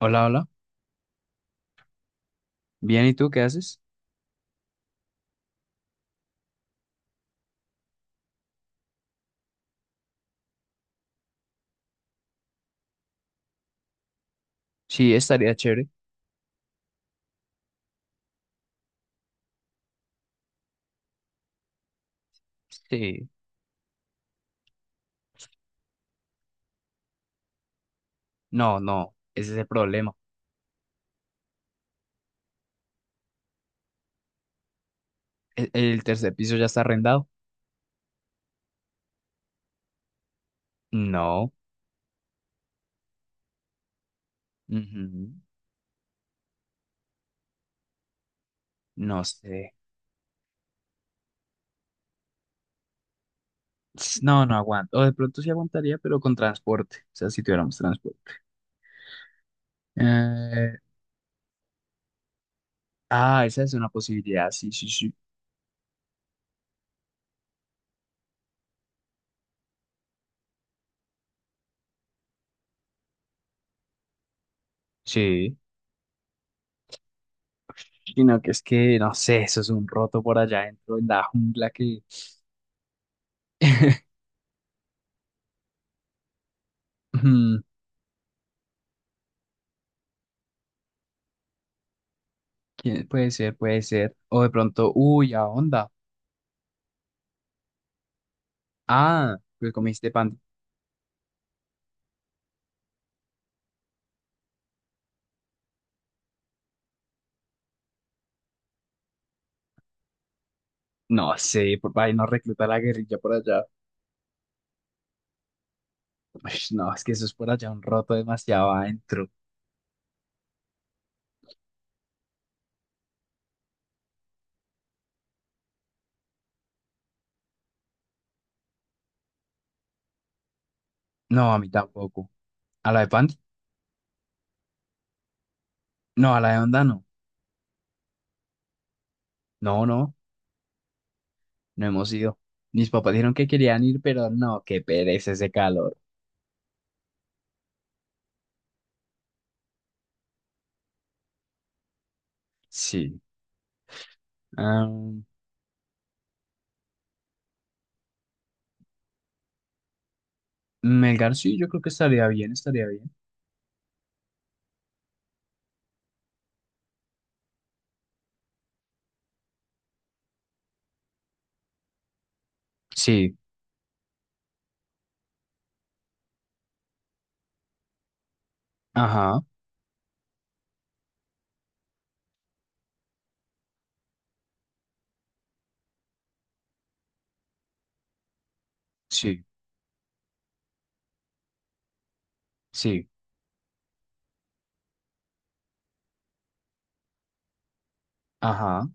Hola, hola. Bien, ¿y tú qué haces? Sí, estaría chévere. Sí. No, no, ese es el problema. ¿El tercer piso ya está arrendado? No. Ujú. No sé. Ts, no, no aguanto. O de pronto sí aguantaría, pero con transporte. O sea, si tuviéramos transporte. Eh, ah, esa es una posibilidad. Sí, sí, sí. Sí. Sino que es que, no sé, eso es un roto por allá dentro en la jungla que… Mm, puede ser, puede ser. O de pronto, uy, a onda. Ah, pues comiste pan. No sé, por ahí no recluta a la guerrilla por allá. Ush, no, es que eso es por allá un roto demasiado adentro. No, a mí tampoco. ¿A la de Pandi? No, a la de Onda no. No, no, no hemos ido. Mis papás dijeron que querían ir, pero no, qué pereza ese calor. Sí. Ah, Melgar sí, yo creo que estaría bien, estaría bien. Sí, ajá, sí, sí, ajá,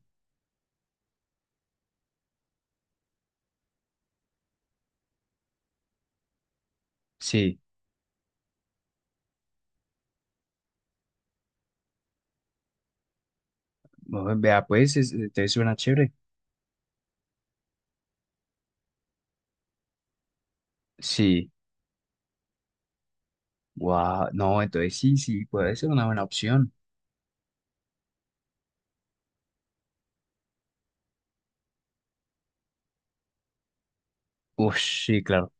sí. Bueno, vea, pues, entonces suena chévere. Sí, wow, no, entonces sí, sí, puede ser una buena opción. Ush, sí, claro.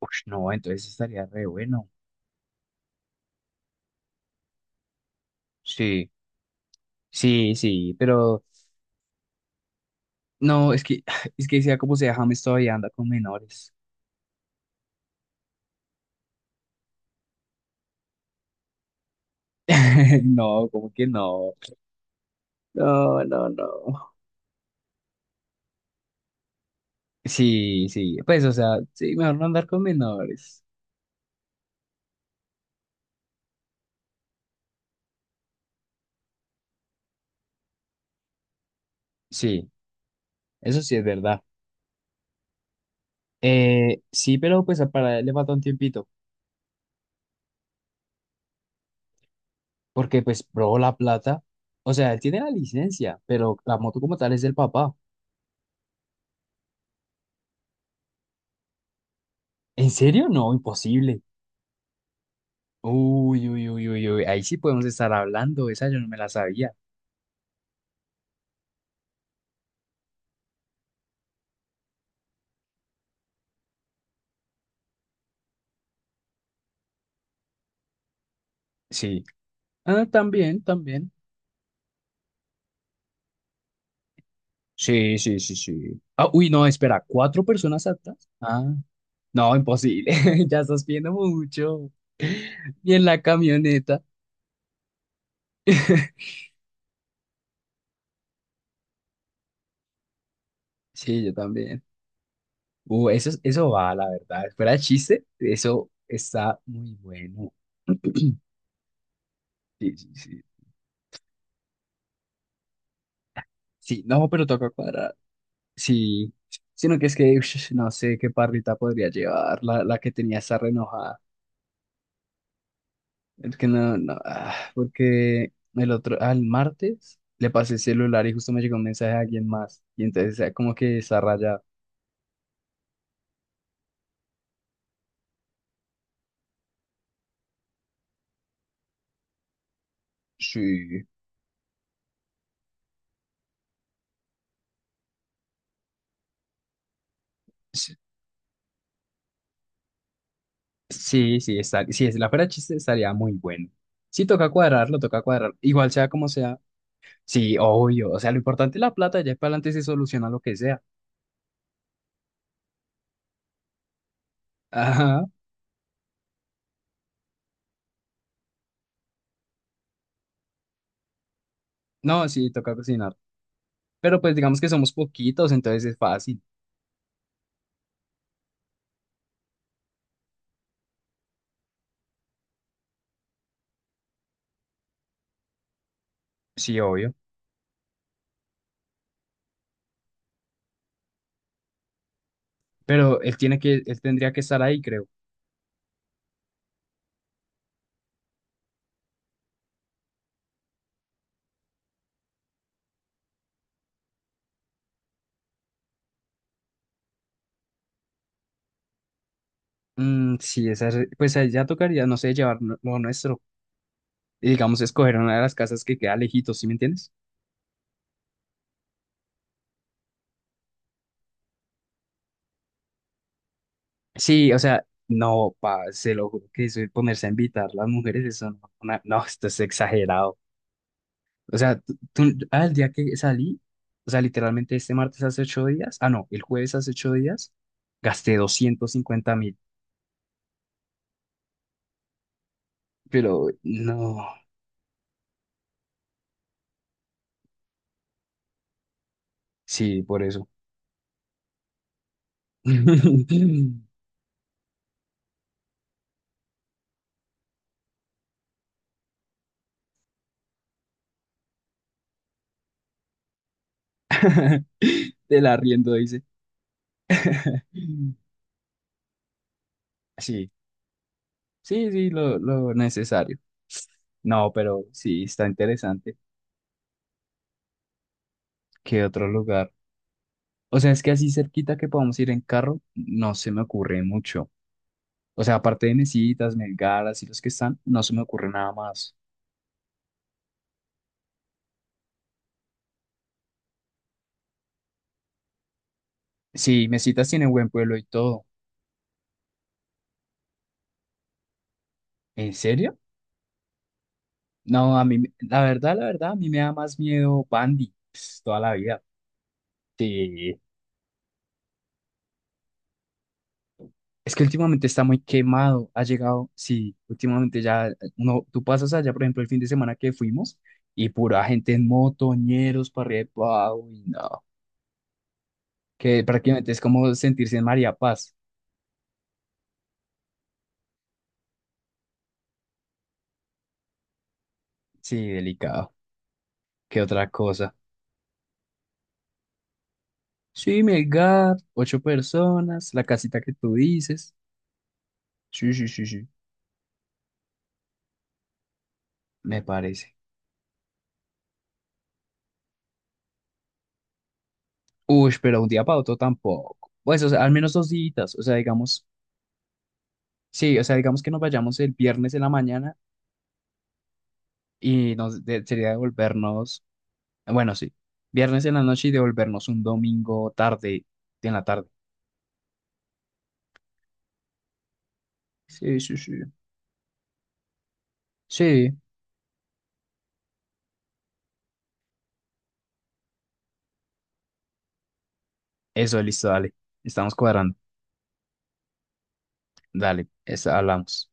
Ush, no, entonces estaría re bueno. Sí, sí, sí, pero no, es que, es que sea como sea, James todavía anda con menores. No, como que no. No, no, no. Sí, sí, pues, o sea, sí, mejor no andar con menores. Sí, eso sí es verdad. Sí, pero pues para él le falta un tiempito, porque pues probó la plata. O sea, él tiene la licencia, pero la moto como tal es del papá. ¿En serio? No, imposible. Uy, uy, uy, uy, uy, ahí sí podemos estar hablando, esa yo no me la sabía. Sí. Ah, también, también. Sí, sí, sí, sí. Ah, uy, no, espera, ¿cuatro personas altas? Ah, no, imposible, ya estás pidiendo mucho. Y en la camioneta. Sí, yo también. Eso, eso va, la verdad. Fuera de chiste, eso está muy bueno. Sí, sí, sí. Sí, no, pero toca cuadrar. Sí, sino que es que ush, no sé qué parrita podría llevar, la que tenía esa renojada. Es que no, no, ah, porque el otro, al martes le pasé el celular y justo me llegó un mensaje de alguien más. Y entonces ah, como que esa raya, sí, sí, sí, sí, está, si es la fuera chiste estaría muy bueno. Sí, toca cuadrarlo, toca cuadrarlo. Igual sea como sea. Sí, obvio. O sea, lo importante es la plata, ya para adelante se soluciona lo que sea. Ajá. No, sí, toca cocinar. Pero pues digamos que somos poquitos, entonces es fácil. Sí, obvio. Pero él tiene que, él tendría que estar ahí, creo. Mm, sí, esa, pues ahí ya tocaría, no sé, llevar lo nuestro. Y digamos, escoger una de las casas que queda lejitos, ¿sí me entiendes? Sí, o sea, no, pa, se lo juro que eso de ponerse a invitar las mujeres, eso no, no, esto es exagerado. O sea, ah, el día que salí, o sea, literalmente este martes hace 8 días, ah, no, el jueves hace 8 días, gasté 250.000, pero no, sí, por eso. Del arriendo, dice. Sí. Sí, sí, lo necesario. No, pero sí, está interesante. ¿Qué otro lugar? O sea, es que así cerquita que podamos ir en carro, no se me ocurre mucho. O sea, aparte de Mesitas, Melgaras y los que están, no se me ocurre nada más. Sí, Mesitas tiene buen pueblo y todo. ¿En serio? No, a mí, la verdad, a mí me da más miedo Bandy, pues, toda la vida. Sí, es que últimamente está muy quemado, ha llegado, sí, últimamente ya, uno, tú pasas allá, por ejemplo, el fin de semana que fuimos y pura gente en motoñeros para arriba y pa' abajo, y no, que prácticamente es como sentirse en María Paz, sí, delicado, qué otra cosa. Sí, Melgar, ocho personas, la casita que tú dices, sí, sí, sí, sí, me parece. Uy, pero un día para otro tampoco, pues, o sea, al menos 2 días, o sea, digamos, sí, o sea, digamos que nos vayamos el viernes en la mañana y sería devolvernos, bueno, sí, viernes en la noche y devolvernos un domingo tarde, en la tarde. Sí, sí, sí. Sí, eso, listo, dale. Estamos cuadrando. Dale, hablamos.